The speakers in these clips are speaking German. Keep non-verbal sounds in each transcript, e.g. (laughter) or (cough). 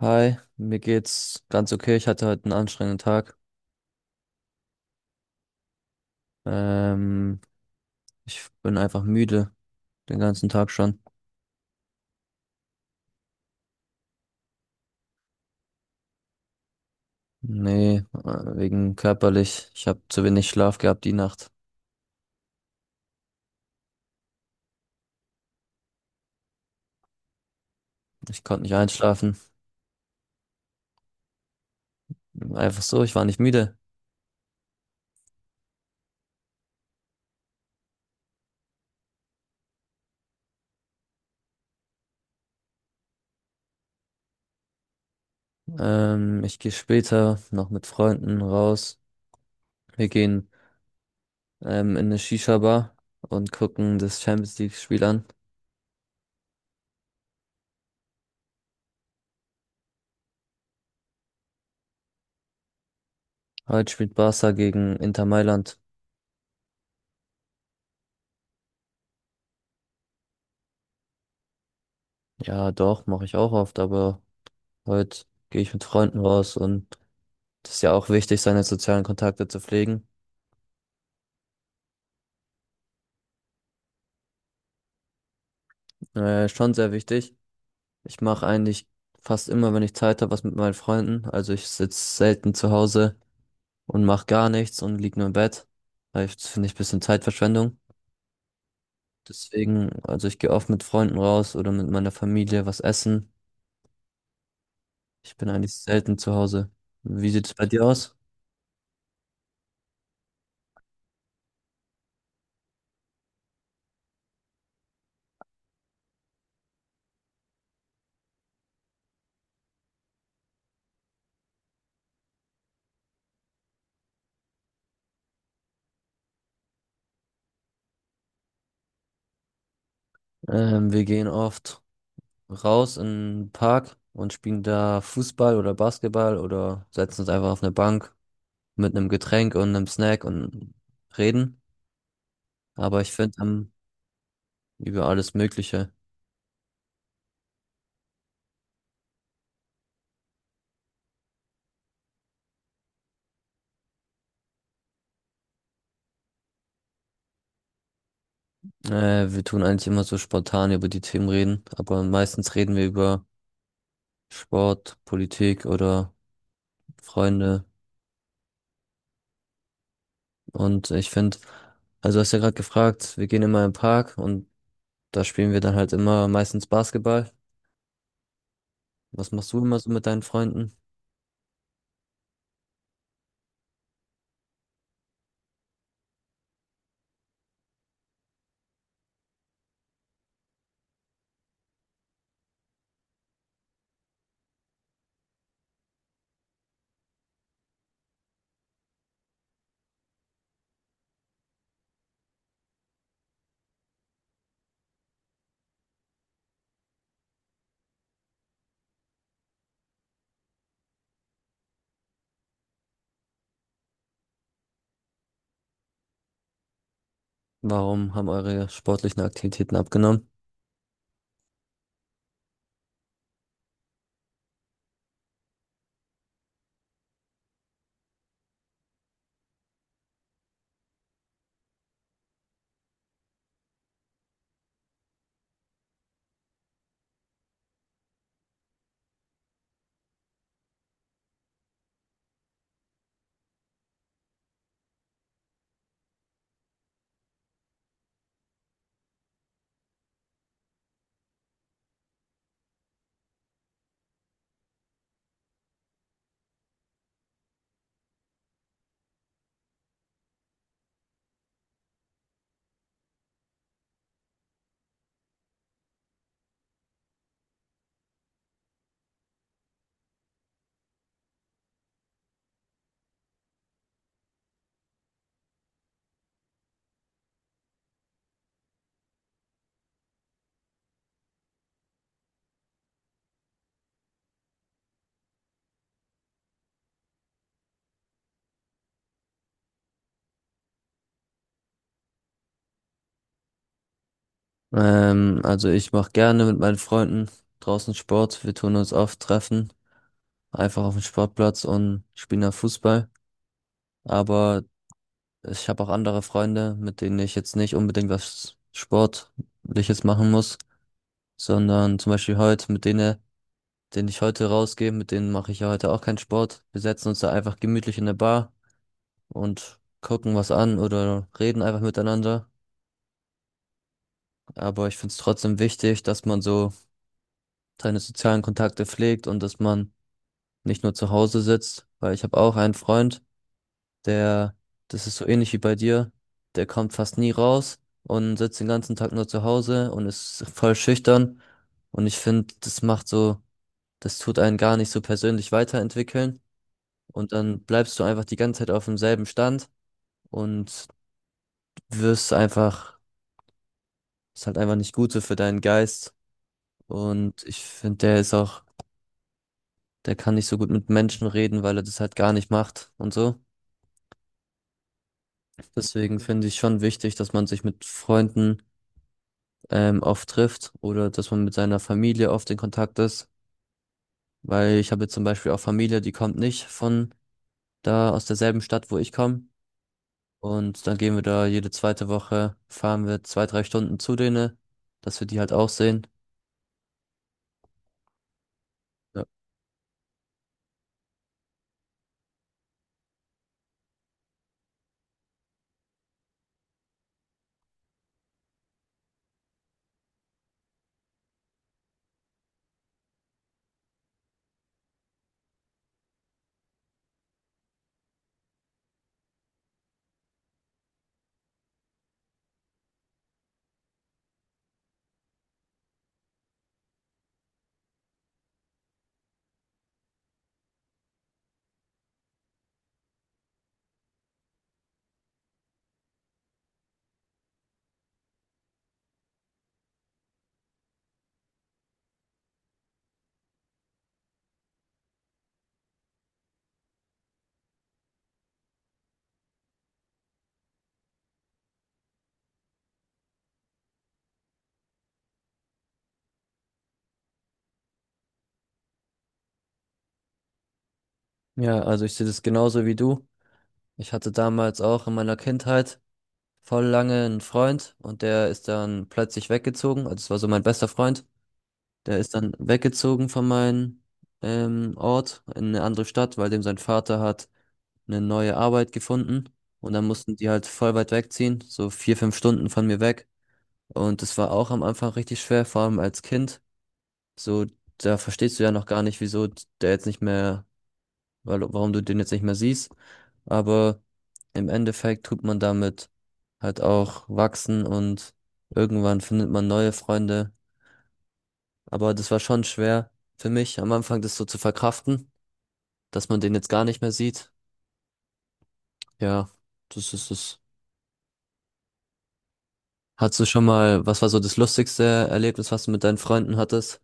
Hi, mir geht's ganz okay. Ich hatte heute einen anstrengenden Tag. Ähm, Ich bin einfach müde, den ganzen Tag schon. Nee, wegen körperlich. Ich habe zu wenig Schlaf gehabt die Nacht. Ich konnte nicht einschlafen. Einfach so, ich war nicht müde. Ich gehe später noch mit Freunden raus. Wir gehen in eine Shisha-Bar und gucken das Champions League-Spiel an. Heute spielt Barca gegen Inter Mailand. Ja, doch, mache ich auch oft, aber heute gehe ich mit Freunden raus, und das ist ja auch wichtig, seine sozialen Kontakte zu pflegen. Schon sehr wichtig. Ich mache eigentlich fast immer, wenn ich Zeit habe, was mit meinen Freunden. Also ich sitze selten zu Hause und mache gar nichts und lieg nur im Bett. Das finde ich ein bisschen Zeitverschwendung. Deswegen, also ich gehe oft mit Freunden raus oder mit meiner Familie was essen. Ich bin eigentlich selten zu Hause. Wie sieht es bei dir aus? Wir gehen oft raus in den Park und spielen da Fußball oder Basketball oder setzen uns einfach auf eine Bank mit einem Getränk und einem Snack und reden. Aber ich finde, über alles Mögliche. Wir tun eigentlich immer so spontan über die Themen reden, aber meistens reden wir über Sport, Politik oder Freunde. Und ich finde, also du hast ja gerade gefragt, wir gehen immer im Park und da spielen wir dann halt immer meistens Basketball. Was machst du immer so mit deinen Freunden? Warum haben eure sportlichen Aktivitäten abgenommen? Also ich mache gerne mit meinen Freunden draußen Sport. Wir tun uns oft treffen, einfach auf dem Sportplatz, und spielen da Fußball. Aber ich habe auch andere Freunde, mit denen ich jetzt nicht unbedingt was Sportliches machen muss, sondern zum Beispiel heute mit denen, denen ich heute rausgehe, mit denen mache ich ja heute auch keinen Sport. Wir setzen uns da einfach gemütlich in der Bar und gucken was an oder reden einfach miteinander. Aber ich finde es trotzdem wichtig, dass man so seine sozialen Kontakte pflegt und dass man nicht nur zu Hause sitzt, weil ich habe auch einen Freund. Der, das ist so ähnlich wie bei dir. Der kommt fast nie raus und sitzt den ganzen Tag nur zu Hause und ist voll schüchtern. Und ich finde, das macht so, das tut einen gar nicht so persönlich weiterentwickeln. Und dann bleibst du einfach die ganze Zeit auf demselben Stand und wirst einfach, ist halt einfach nicht gut so für deinen Geist. Und ich finde, der ist auch, der kann nicht so gut mit Menschen reden, weil er das halt gar nicht macht und so. Deswegen finde ich schon wichtig, dass man sich mit Freunden oft trifft oder dass man mit seiner Familie oft in Kontakt ist, weil ich habe jetzt zum Beispiel auch Familie, die kommt nicht von da aus derselben Stadt, wo ich komme. Und dann gehen wir da jede zweite Woche, fahren wir zwei, drei Stunden zu denen, dass wir die halt auch sehen. Ja, ja, also ich sehe das genauso wie du. Ich hatte damals auch in meiner Kindheit voll lange einen Freund, und der ist dann plötzlich weggezogen. Also es war so mein bester Freund. Der ist dann weggezogen von meinem Ort in eine andere Stadt, weil dem sein Vater hat eine neue Arbeit gefunden, und dann Mhm. mussten die halt voll weit wegziehen, so vier, fünf Stunden von mir weg. Und das war auch am Anfang richtig schwer, vor allem als Kind. So, da verstehst du ja noch gar nicht, wieso der jetzt nicht mehr, warum du den jetzt nicht mehr siehst. Aber im Endeffekt tut man damit halt auch wachsen, und irgendwann findet man neue Freunde. Aber das war schon schwer für mich am Anfang, das so zu verkraften, dass man den jetzt gar nicht mehr sieht. Ja, das ist es. Hattest du schon mal, was war so das lustigste Erlebnis, was du mit deinen Freunden hattest?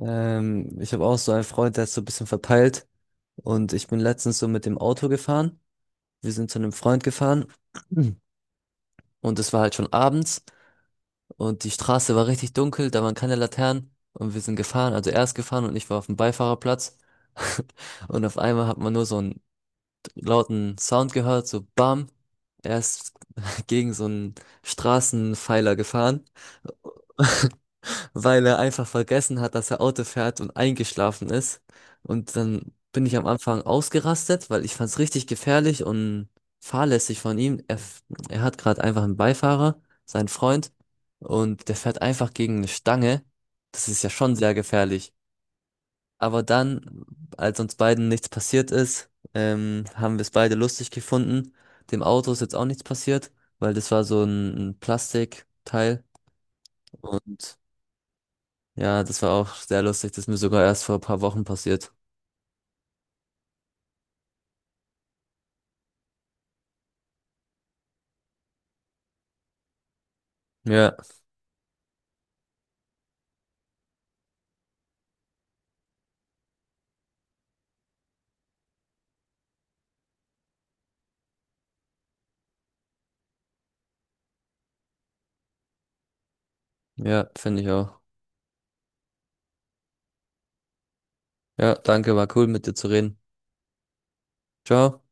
Ich habe auch so einen Freund, der ist so ein bisschen verpeilt. Und ich bin letztens so mit dem Auto gefahren. Wir sind zu einem Freund gefahren, und es war halt schon abends und die Straße war richtig dunkel, da waren keine Laternen, und wir sind gefahren, also er ist gefahren und ich war auf dem Beifahrerplatz. (laughs) Und auf einmal hat man nur so einen lauten Sound gehört, so Bam. Er ist (laughs) gegen so einen Straßenpfeiler gefahren, weil er einfach vergessen hat, dass er Auto fährt und eingeschlafen ist. Und dann bin ich am Anfang ausgerastet, weil ich fand es richtig gefährlich und fahrlässig von ihm. Er hat gerade einfach einen Beifahrer, seinen Freund, und der fährt einfach gegen eine Stange. Das ist ja schon sehr gefährlich. Aber dann, als uns beiden nichts passiert ist, haben wir es beide lustig gefunden. Dem Auto ist jetzt auch nichts passiert, weil das war so ein Plastikteil. Und ja, das war auch sehr lustig. Das ist mir sogar erst vor ein paar Wochen passiert. Ja, ja, finde ich auch. Ja, danke, war cool mit dir zu reden. Ciao.